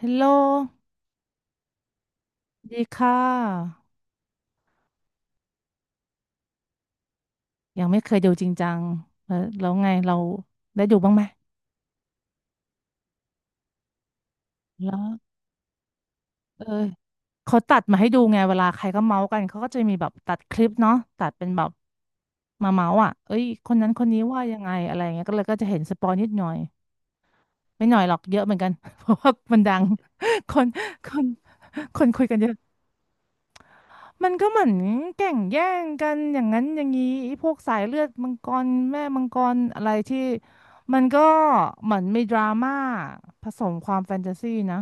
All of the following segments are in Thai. ฮัลโหลดีค่ะยังไม่เคยดูจริงจังแล้วแล้วไงเราได้ดูบ้างไหมแล้วเออเขาตัดมาให้ดูไงเวลาใครก็เมาส์กันเขาก็จะมีแบบตัดคลิปเนาะตัดเป็นแบบมาเมาส์อ่ะเอ้ยคนนั้นคนนี้ว่ายังไงอะไรเงี้ยก็เลยก็จะเห็นสปอยนิดหน่อยไม่หน่อยหรอกเยอะเหมือนกัน เพราะว่ามันดัง คนคนคนคุยกันเยอะ มันก็เหมือนแก่งแย่งกันอย่างนั้นอย่างนี้ไอ้พวกสายเลือดมังกรแม่มังกรอะไรที่มันก็เหมือนมีดราม่าผสมความแฟนตาซีนะ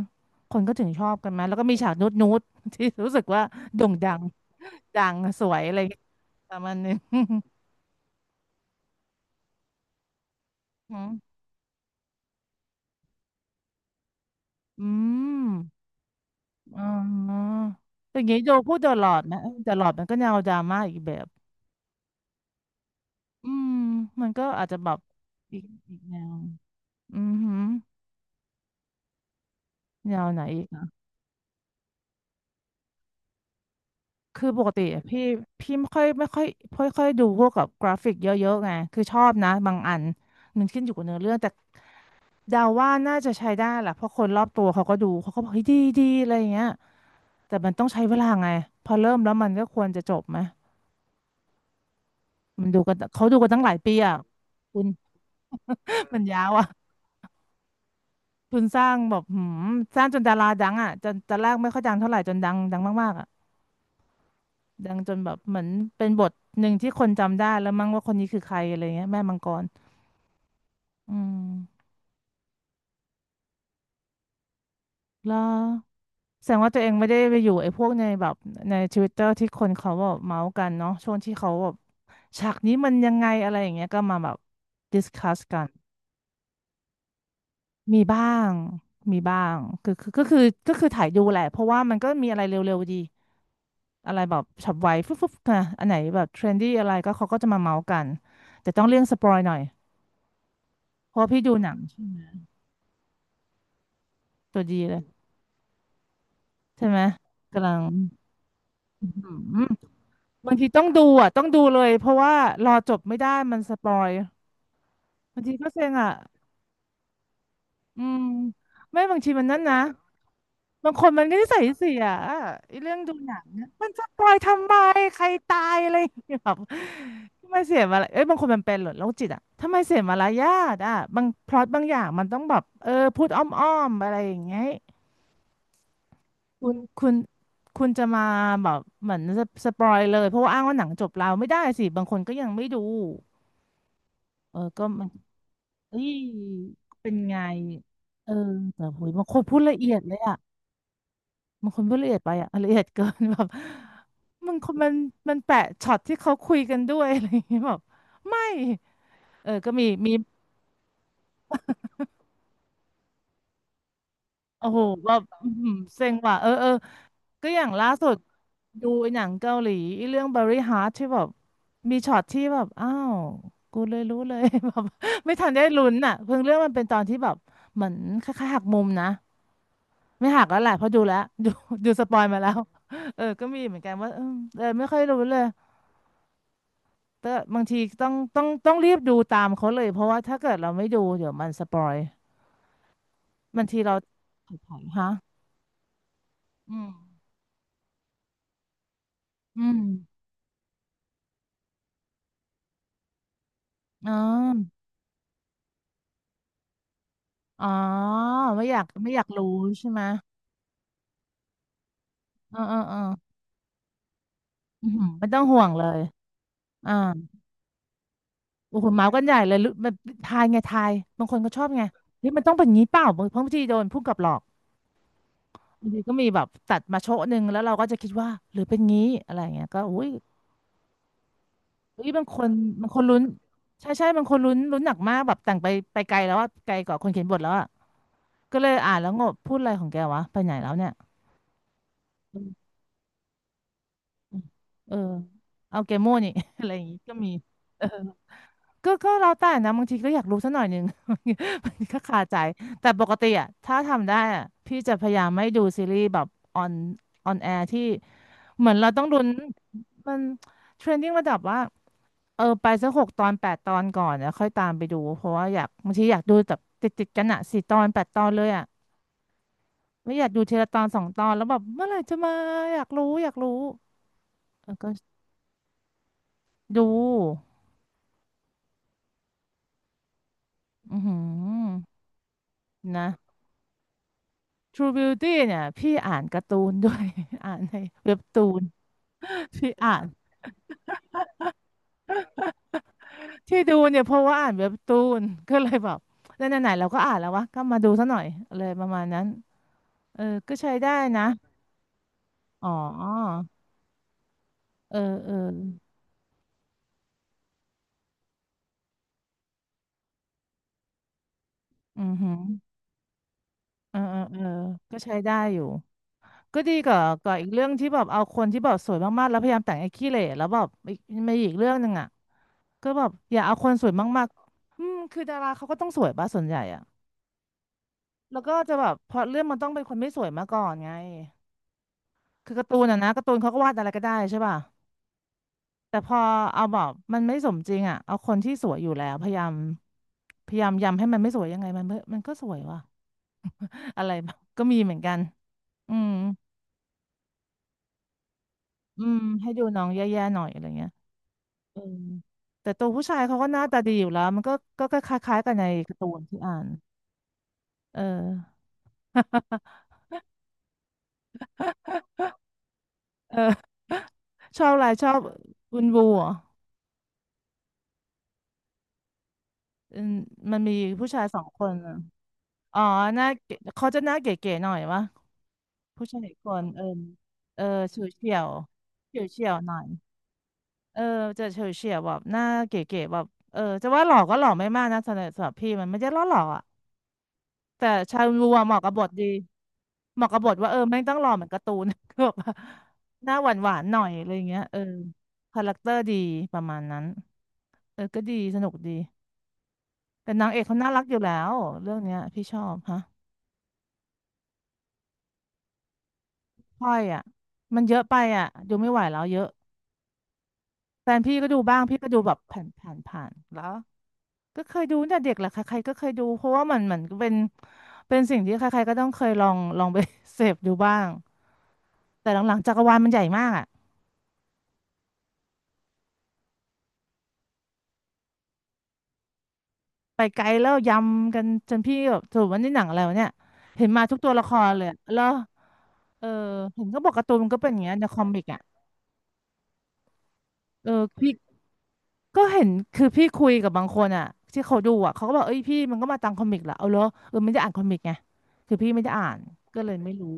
คนก็ถึงชอบกันไหมแล้วก็มีฉากนูดนูดที่รู้สึกว่าโด่งดัง ดังสวยอะไรอย่างเงี้ยประมาณนึง อืมอมอ๋ออย่างนี้โดพูดเดอะลอดนะเดอะลอดมันก็แนวดราม่าอีกแบบอืมมันก็อาจจะแบบอีกแนวอือหือ แนวไหนอีกอะคือปกติอะพี่ไม่ค่อยไม่ค่อยดูพวกกับกราฟิกเยอะๆไง คือชอบนะบางอันมันขึ้นอยู่กับเนื้อเรื่องแต่เดาว่าน่าจะใช้ได้แหละเพราะคนรอบตัวเขาก็ดูเขาก็บอกเฮ้ยดีดีอะไรอย่างเงี้ยแต่มันต้องใช้เวลาไงพอเริ่มแล้วมันก็ควรจะจบไหมมันดูกันเขาดูกันตั้งหลายปีอ่ะคุณ มันยาวอ่ะคุณสร้างแบบสร้างจนดาราดังอ่ะจนตอนแรกไม่ค่อยดังเท่าไหร่จนดังดังมากๆอ่ะ ดังจนแบบเหมือนเป็นบทหนึ่งที่คนจำได้แล้วมั้งว่าคนนี้คือใครอะไรเงี้ยแม่มังกรอืมแล้วแสดงว่าตัวเองไม่ได้ไปอยู่ไอ้พวกในแบบในทวิตเตอร์ที่คนเขาแบบเมาส์กันเนาะช่วงที่เขาแบบฉากนี้มันยังไงอะไรอย่างเงี้ยก็มาแบบดิสคัสกันมีบ้างมีบ้างคือก็คือถ่ายดูแหละเพราะว่ามันก็มีอะไรเร็วๆดีอะไรแบบฉับไวฟึบฟึบนะอันไหนแบบเทรนดี้อะไรก็เขาก็จะมาเมาส์กันแต่ต้องเลี่ยงสปอยหน่อยเพราะว่าพี่ดูหนัง ตัวดีเลยใช่ไหมกำลังอืมบางทีต้องดูอ่ะต้องดูเลยเพราะว่ารอจบไม่ได้มันสปอยบางทีก็เซ็งอ่ะอืมไม่บางทีมันนั่นนะบางคนมันก็นิสัยเสียอ่ะไอ้เรื่องดูหนังเนี่ยมันสปอยทำไมใครตายอะไรอย่างเงี้ยแบบทำไมเสียมาละเอ้ยบางคนมันเป็นเหรอโรคจิตอ่ะทำไมเสียมารยาทอ่ะบางพล็อตบางอย่างมันต้องแบบพูดอ้อมๆอะไรอย่างเงี้ย คุณคุณจะมาแบบเหมือนสสปอยเลยเพราะว่าอ้างว่าหนังจบแล้วไม่ได้สิบางคนก็ยังไม่ดูเออก็มันเอ้ยเป็นไงเออแต่โหยบางคนพูดละเอียดเลยอะบางคนพูดละเอียดไปอะละเอียดเกิน แบบมันคนมันแปะช็อตที่เขาคุยกันด้วยอะไรอย่างเงี้ยแบบไม่เออก็มีมี โอ้โหแบบอื้อหือเซ็งว่ะเออเออก็อย่างล่าสุดดูไอ้หนังเกาหลีไอ้เรื่อง Berry Heart ที่แบบมีช็อตที่แบบอ้าวกูเลยรู้เลย แบบไม่ทันได้ลุ้นอ่ะเพิ่งเรื่องมันเป็นตอนที่แบบเหมือนคล้ายๆหักมุมนะไม่หักแล้วแหละเพราะดูแล้ว ดูสปอยมาแล้วเออก็มีเหมือนกันว่าเออเออไม่ค่อยรู้เลยแต่บางทีต้องต้องรีบดูตามเขาเลยเพราะว่าถ้าเกิดเราไม่ดูเดี๋ยวมันสปอยบางทีเราถอยๆฮะอืมอืมอ๋อ อ๋อไม่อยากไม่อยากรู้ใช่ไหมเออเออเอออือหือไม่ต้องห่วงเลยอ่าโอ้โหเมาส์กันใหญ่เลยรู้มันทายไงทายบางคนก็ชอบไงนี่มันต้องเป็นงี้เปล่าบางทีโดนผู้กำกับหลอกบางทีก็มีแบบตัดมาโชะหนึ่งแล้วเราก็จะคิดว่าหรือเป็นงี้อะไรเงี้ยก็อุ้ยอุ้ยบางคนลุ้นใช่ใช่บางคนลุ้นลุ้นหนักมากแบบแต่งไปไปไกลแล้วว่าไกลกว่าคนเขียนบทแล้วอะก็เลยอ่านแล้วงงพูดอะไรของแกวะไปไหนแล้วเนี่ยเออเออเอาแกโม่นี่ อะไรอย่างงี้ก็มีเออ ก็แล้วแต่นะบางทีก็อยากรู้สักหน่อยหนึ่ง มันก็คาใจแต่ปกติอะถ้าทำได้อะพี่จะพยายามไม่ดูซีรีส์แบบออนออนแอร์ที่เหมือนเราต้องลุ้นมันเทรนดิ้งระดับว่าเออไปสักหกตอนแปดตอนก่อนแล้วค่อยตามไปดูเพราะว่าอยากบางทีอยากดูแบบติดกันอะสี่ตอนแปดตอนเลยอะไม่อยากดูทีละตอนสองตอนแล้วแบบเมื่อไหร่จะมาอยากรู้เออก็ดูอือหือนะ True Beauty เนี่ยพี่อ่านการ์ตูน ด้วย อ่านในเว็บตูนพี่อ่านที่ดูเนี่ยเพราะว่าอ่านเว็บตูนก็เลยแบบไหนๆเราก็อ่านแล้ววะก็มาดูซะหน่อยอะไรประมาณนั้นเออก็ใช้ได้นะอ๋อเออเอออือหือเออก็ใช้ได้อยู่ก็ดีกว่าก่ออีกเรื่องที่แบบเอาคนที่แบบสวยมากๆแล้วพยายามแต่งไอ้ขี้เหร่แล้วแบบอีกมีอีกเรื่องหนึ่งอ่ะก็แบบอย่าเอาคนสวยมากๆอืมคือดาราเขาก็ต้องสวยป่ะส่วนใหญ่อะ แล้วก็จะแบบพอเรื่องมันต้องเป็นคนไม่สวยมาก่อนไงคือการ์ตูนอะนะการ์ตูนเขาก็วาดอะไรก็ได้ใช่ป่ะแต่พอเอาแบบมันไม่สมจริงอะเอาคนที่สวยอยู่แล้วพยายามยำให้มันไม่สวยยังไงมันก็สวยว่ะ อะไรแบบก็มีเหมือนกันอืมอืมให้ดูน้องแย่ๆหน่อยอะไรเงี้ยเออแต่ตัวผู้ชายเขาก็หน้าตาดีอยู่แล้วมันก็ก็คล้ายๆกันในการ์ตูนที่อ่านเออเออชอบอะไรชอบอุนบูเหรอ่ะมันมีผู้ชายสองคนอะ อ๋อหน้าเก๋เขาจะหน้าเก๋ๆหน่อยวะผู้ชายคนเออเออเฉยวเฉียวเฉยวเฉียวหน่อยเออจะเฉยวเฉียวแบบหน้าเก๋ๆแบบเออจะว่าหล่อก็หล่อไม่มากนะสำหรับพี่มันไม่ได้หล่ออ่ะแต่ชาลูอะเหมาะกับบทดีเหมาะกับบทว่าเออแม่งต้องหล่อเหมือนการ์ตูน ก็แบบว่าหน้าหวานๆหน่อยอะไรอย่างเงี้ยเออคาแรคเตอร์ดีประมาณนั้นเออก็ดีสนุกดีแต่นางเอกเขาน่ารักอยู่แล้วเรื่องเนี้ยพี่ชอบฮะ ค่อยอ่ะมันเยอะไปอ่ะดูไม่ไหวแล้วเยอะแฟนพี่ก็ดูบ้างพี่ก็ดูแบบผ่านแล้วก็เคยดูเนี่ยเด็กแหละใครๆก็เคยดูเพราะว่ามันเหมือนเป็นเป็นสิ่งที่ใครๆก็ต้องเคยลองไป เสพดูบ้างแต่หลังๆจักรวาลมันใหญ่มากอ่ะไปไกลแล้วยำกันจนพี่แบบสรุปว่านี่หนังอะไรวะเนี่ยเห็นมาทุกตัวละครเลยอะแล้วเออเห็นก็บอกการ์ตูนมันก็เป็นอย่างเงี้ยในคอมิกอ่ะเออพี่ ก็เห็นคือพี่คุยกับบางคนอ่ะที่เขาดูอ่ะเขาก็บอกเอ้ยพี่มันก็มาตามคอมิกเหรอเอาเหรอเออไม่ได้อ่านคอมิกไงคือพี่ไม่ได้อ่านก็เลยไม่รู้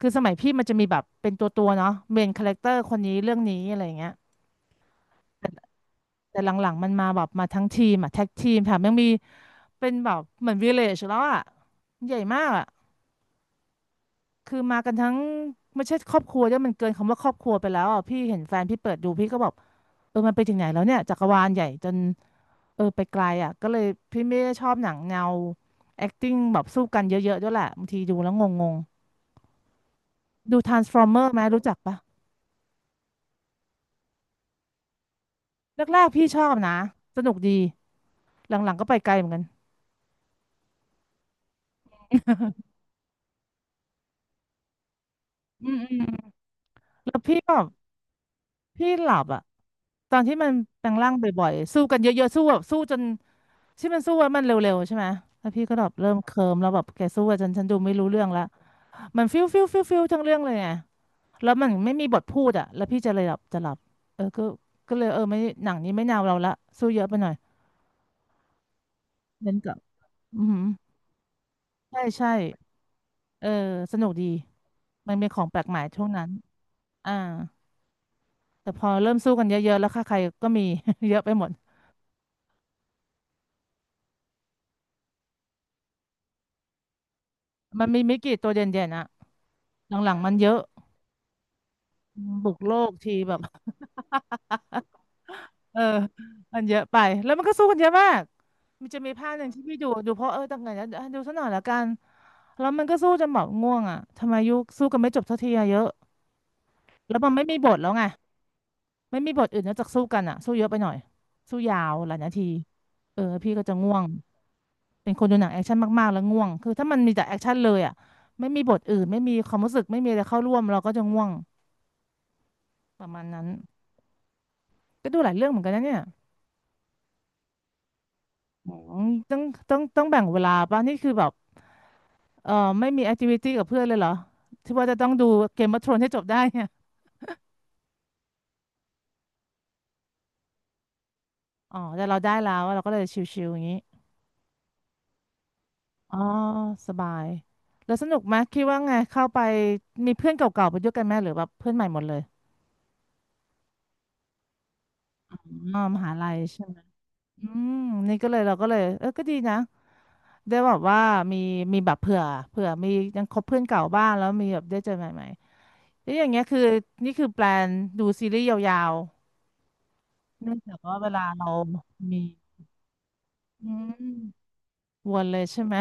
คือสมัยพี่มันจะมีแบบเป็นตัวเนาะเมนคาแรคเตอร์คนนี้เรื่องนี้อะไรอย่างเงี้ยแต่หลังๆมันมาแบบมาทั้งทีมอ่ะแท็กทีมแถมยังมีเป็นแบบเหมือนวิลเลจแล้วอ่ะใหญ่มากอ่ะคือมากันทั้งไม่ใช่ครอบครัวด้วยมันเกินคำว่าครอบครัวไปแล้วอ่ะพี่เห็นแฟนพี่เปิดดูพี่ก็บอกเออมันไปถึงไหนแล้วเนี่ยจักรวาลใหญ่จน เออไปไกลอ่ะก็เลยพี่ไม่ได้ชอบหนังแนว acting แบบสู้กันเยอะๆด้วยแหละบางทีดูแล้วงงๆดู Transformer ไหมรู้จักปะแรกๆพี่ชอบนะสนุกดีหลังๆก็ไปไกลเหมือนกันอืมอืมแล้วพี่ก็พี่หลับอ่ะตอนที่มันแปลงร่างบ่อยๆสู้กันเยอะๆสู้แบบสู้จนที่มันสู้แล้วมันเร็วๆใช่ไหมแล้วพี่ก็แบบเริ่มเคลิ้มแล้วแบบแกสู้อะฉันดูไม่รู้เรื่องละมันฟิวทั้งเรื่องเลยไง แล้วมันไม่มีบทพูดอ่ะแล้วพี่จะเลยหลับเออก็ก็เลยเออไม่หนังนี้ไม่แนวเราละสู้เยอะไปหน่อยเน้นกับอือหือใช่ใช่เออสนุกดี มันเป็นของแปลกใหม่ช่วงนั้น อ่าแต่พอเริ่มสู้กันเยอะๆแล้วค่าใครก็มี เยอะไปหมด มันมีไม่กี่ตัวเด่นๆอ่ะหลังๆมันเยอะบุกโลกทีแบบ เออมันเยอะไปแล้วมันก็สู้กันเยอะมากมันจะมีภาคหนึ่งที่พี่ดูเพราะตั้งไงนะอ่ะดูซะหน่อยละกันแล้วมันก็สู้จนแบบง่วงอ่ะทำไมยุคสู้กันไม่จบสักทีอะเยอะแล้วมันไม่มีบทแล้วไงไม่มีบทอื่นนอกจากสู้กันอ่ะสู้เยอะไปหน่อยสู้ยาวหลายนาทีเออพี่ก็จะง่วงเป็นคนดูหนังแอคชั่นมากๆแล้วง่วงคือถ้ามันมีแต่แอคชั่นเลยอ่ะไม่มีบทอื่นไม่มีความรู้สึกไม่มีอะไรเข้าร่วมเราก็จะง่วงประมาณนั้นก็ดูหลายเรื่องเหมือนกันนะเนี่ยอืมต้องต้องแบ่งเวลาป่ะนี่คือแบบ เออไม่มีแอคทิวิตี้กับเพื่อนเลยเหรอที่ว่าจะต้องดูเกม of ทรอนให้จบได้เนี่ยอ๋อแต่เราได้แล้วเราก็เลยชิลๆอย่างนี้อ๋อสบายแล้วสนุกไหมคิดว่าไงเข้าไปมีเพื่อนเก่าๆไปด้วยกันไหมหรือแบบเพื่อนใหม่หมดเลยอ๋อมหาลัยใช่ไหมอืมนี่ก็เลยเราก็เลยเออก็ดีนะได้แบบว่ามีมีแบบเผื่อมียังคบเพื่อนเก่าบ้างแล้วมีแบบได้เจอใหม่ๆแล้วอย่างเงี้ยคือนี่คือแปลนดูซีรีส์ยาวๆเนื่องจากว่าเวลาเรามีอืม วนเลยใช่ไหม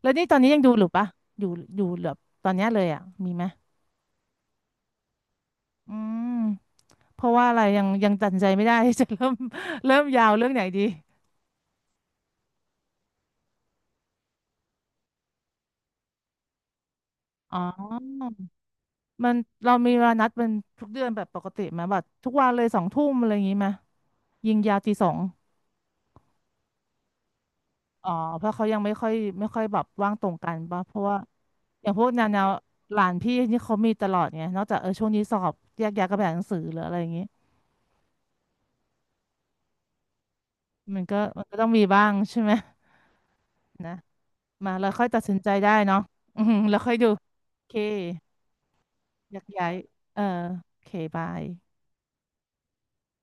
แล้วนี่ตอนนี้ยังดูหรือปะอยู่อยู่แบบตอนเนี้ยเลยอ่ะมีไหมอืมเพราะว่าอะไรยังตัดสินใจไม่ได้ จะเริ่ม เริ่มยาวเรื่องไหนดีอ๋อมันเรามีเวลานัดเป็นทุกเดือนแบบปกติไหมแบบทุกวันเลย2 ทุ่มอะไรอย่างงี้ไหมยิงยาวตี 2อ๋อเพราะเขายังไม่ค่อยแบบว่างตรงกันปะเพราะว่าอย่างพวกแนวแนวหลานพี่นี่เขามีตลอดไง นอกจากเออช่วงนี้สอบแยกย้ายกันไปอ่านหนังสือหรืออะไรอย่างงี้มันก็ต้องมีบ้างใช่ไหม นะมาเราค่อยตัดสินใจได้เนาะอือหือแล้วค่อยดูโอเคยักย้ายเออโอเคบาย